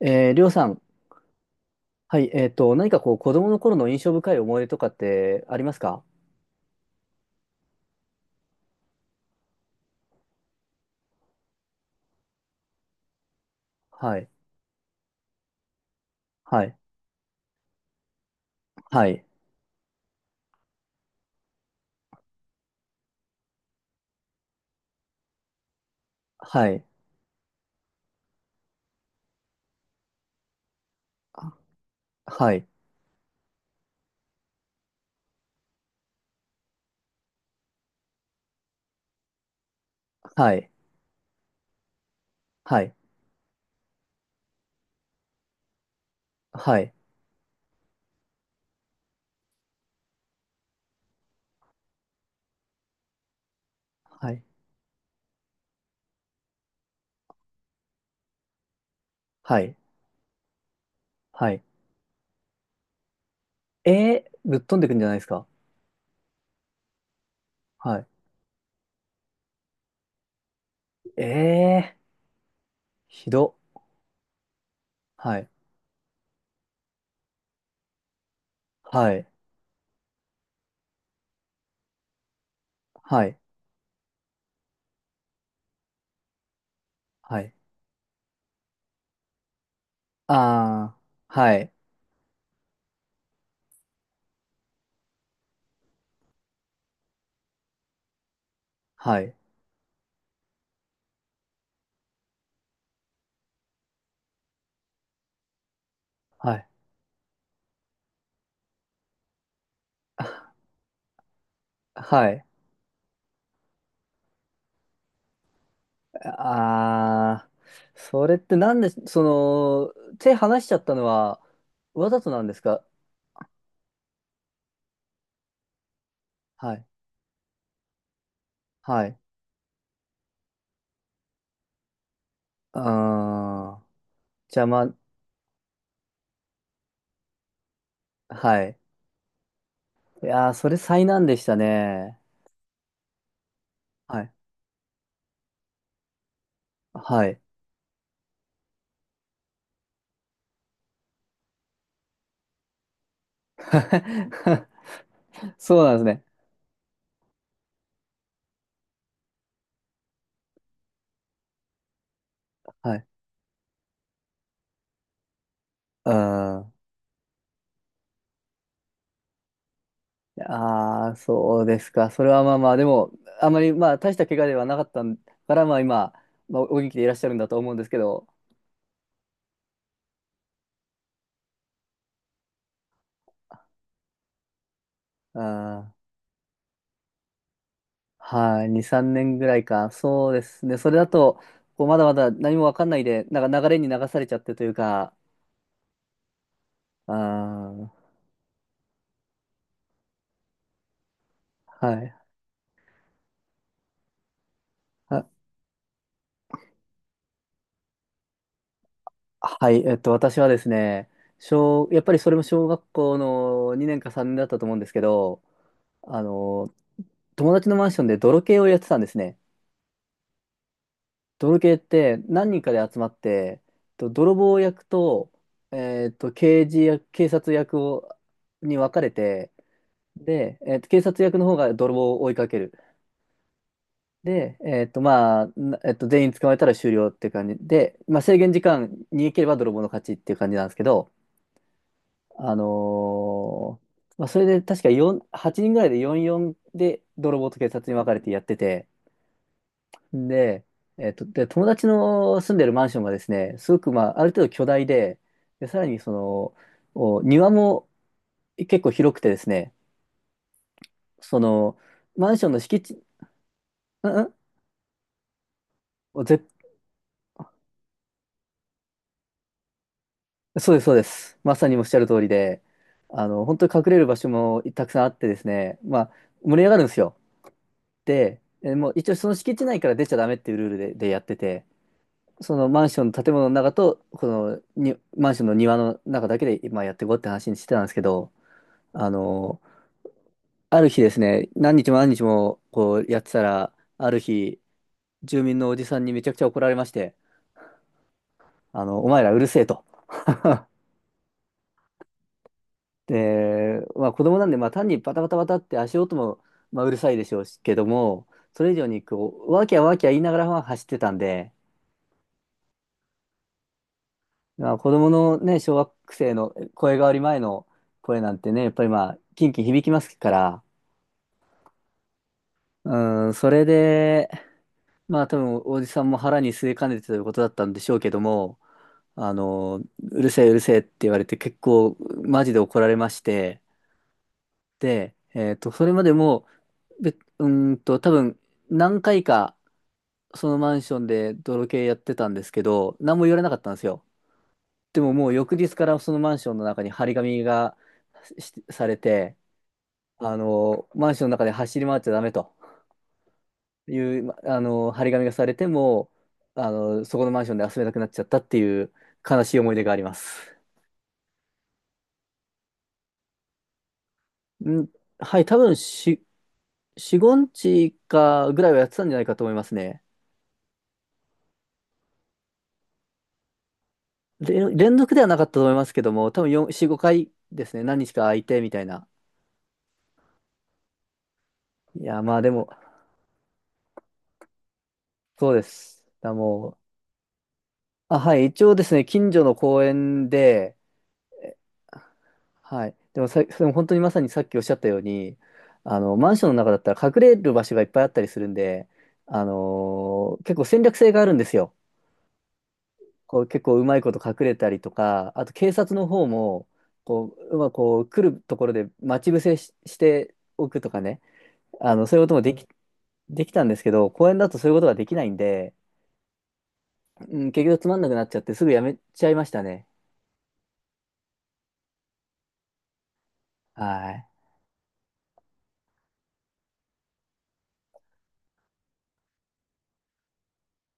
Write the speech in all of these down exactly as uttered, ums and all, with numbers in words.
えー、りょうさん、はい、えっと、何かこう、子供の頃の印象深い思い出とかってありますか？はい。はい。はい。はい。あ、はい。はい。はい。はい。はい。はい。はい。えー、ぶっ飛んでくんじゃないですか？はい。えー、ひど。はい。はい。はい。はい。あー、はい。はい。はい。あ、はい。ああ、それってなんで、その、手離しちゃったのは、わざとなんですか？はい。はい。ああ、邪魔、はい。いやー、それ災難でしたね。はい。はい。そうなんですね。はい。ああー、そうですか。それはまあまあ、でも、あまり、まあ、大した怪我ではなかったから、まあ今、まあ、お元気でいらっしゃるんだと思うんですけど、あー、はい、に、さんねんぐらいか。そうですね。それだと、こうまだまだ何もわかんないで、なんか流れに流されちゃってというか、あー、はい。あ、はい、えっと、私はですね、小、やっぱりそれも小学校のにねんかさんねんだったと思うんですけど、あの、友達のマンションで泥系をやってたんですね。泥系って何人かで集まって、と泥棒役と、えっと、刑事役、警察役を、に分かれて、で、えっと、警察役の方が泥棒を追いかける。で、えっと、まあ、なえっと、全員捕まえたら終了っていう感じで、まあ、制限時間逃げければ泥棒の勝ちっていう感じなんですけど、あのーまあ、それで確かよん、はちにんぐらいでよんたいよんで泥棒と警察に分かれてやってて、で、えっと、で、友達の住んでるマンションがですね、すごく、まあ、ある程度巨大で、で、さらにその、お庭も結構広くてですね、その、マンションの敷地、うん、うん絶そうです、そうです。まさにおっしゃる通りで、あの、本当に隠れる場所もたくさんあってですね、まあ、盛り上がるんですよ。で、えもう一応その敷地内から出ちゃダメっていうルールで、でやってて、そのマンションの建物の中と、このに、マンションの庭の中だけで今やっていこうって話にしてたんですけど、あの、ある日ですね、何日も何日もこうやってたら、ある日、住民のおじさんにめちゃくちゃ怒られまして、あの、お前らうるせえと。で、まあ子供なんで、まあ単にバタバタバタって足音も、まあ、うるさいでしょうしけども、それ以上にこう、ワーキャーワーキャー言いながらまあ走ってたんで、まあ子供のね、小学生の声変わり前の声なんてね、やっぱりまあ、キンキン響きますから、うん、それで、まあ多分おじさんも腹に据えかねてということだったんでしょうけども、あの、うるせえうるせえって言われて結構マジで怒られまして、で、えっと、それまでも、べ、うーんと、多分、何回か、そのマンションで泥系やってたんですけど、何も言われなかったんですよ。でももう翌日からそのマンションの中に張り紙がしされて、あの、マンションの中で走り回っちゃダメという、まあの、張り紙がされても、あの、そこのマンションで遊べなくなっちゃったっていう悲しい思い出があります。ん、はい、多分し、よん、いつかかぐらいはやってたんじゃないかと思いますね。で、連続ではなかったと思いますけども、多分よん、よん、ごかいですね。何日か空いてみたいな。いや、まあでも、そうです。だもう、あ、はい、一応ですね、近所の公園で、はい。でもさ、でも本当にまさにさっきおっしゃったように、あの、マンションの中だったら隠れる場所がいっぱいあったりするんで、あのー結構戦略性があるんですよ。こう結構うまいこと隠れたりとか、あと警察の方も、こう、うまくこう来るところで待ち伏せし、しておくとかね。あの、そういうこともでき、できたんですけど、公園だとそういうことができないんで、うん、結局つまんなくなっちゃってすぐやめちゃいましたね。はい。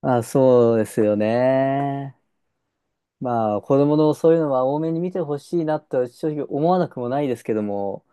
まあそうですよね。まあ子供のそういうのは多めに見てほしいなと正直思わなくもないですけども、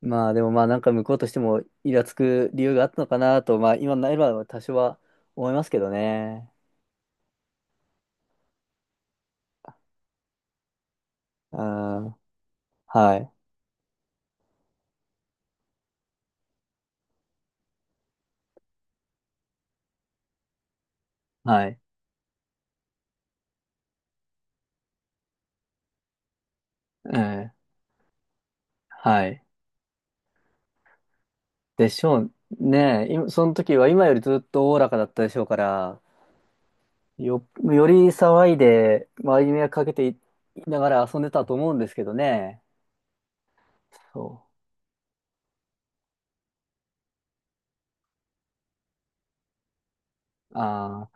まあでもまあなんか向こうとしてもイラつく理由があったのかなと、まあ今なれば多少は思いますけどね。うん。はい。はい。ええ、はい。でしょうね。今その時は今よりずっとおおらかだったでしょうから、よ、より騒いで、周りに迷惑かけていながら遊んでたと思うんですけどね。そう。ああ。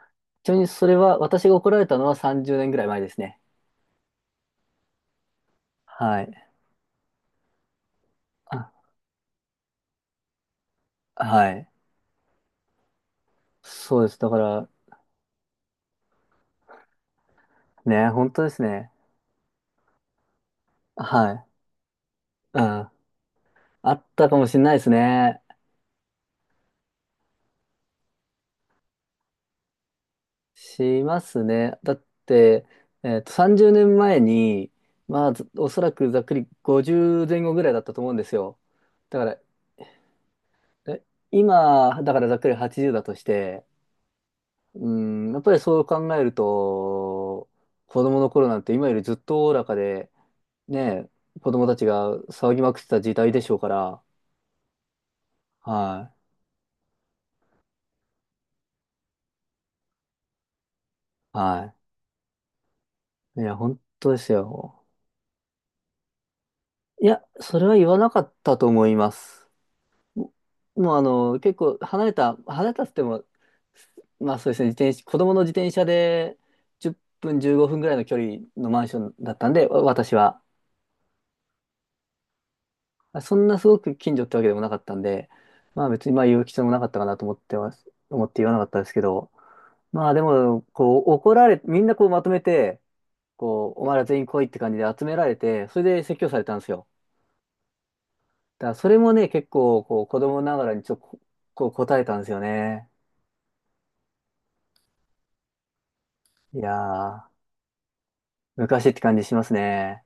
ちなみにそれは、私が怒られたのはさんじゅうねんぐらい前ですね。はい。あ、はい。そうです。だから、ね、本当ですね。はい。うん。あったかもしれないですね。しますね。だって、えっと、さんじゅうねんまえに、まあ、ずおそらくざっくりごじゅう前後ぐらいだったと思うんですよ。だから、え、今、だからざっくりはちじゅうだとして、うん、やっぱりそう考えると、子供の頃なんて今よりずっとおおらかで、ねえ、子供たちが騒ぎまくってた時代でしょうから、はい、はい。いや、本当ですよ。いや、それは言わなかったと思います。もうあの、結構離れた、離れたっつっても、まあそうですね、自転車、子供の自転車でじゅっぷん、じゅうごふんぐらいの距離のマンションだったんで、わ私は。そんなすごく近所ってわけでもなかったんで、まあ別にまあ言う必要もなかったかなと思ってます、思って言わなかったですけど、まあでも、こう怒られ、みんなこうまとめて、こう、お前ら全員来いって感じで集められて、それで説教されたんですよ。だからそれもね、結構こう子供ながらにちょっとここう答えたんですよね。いやー。昔って感じしますね。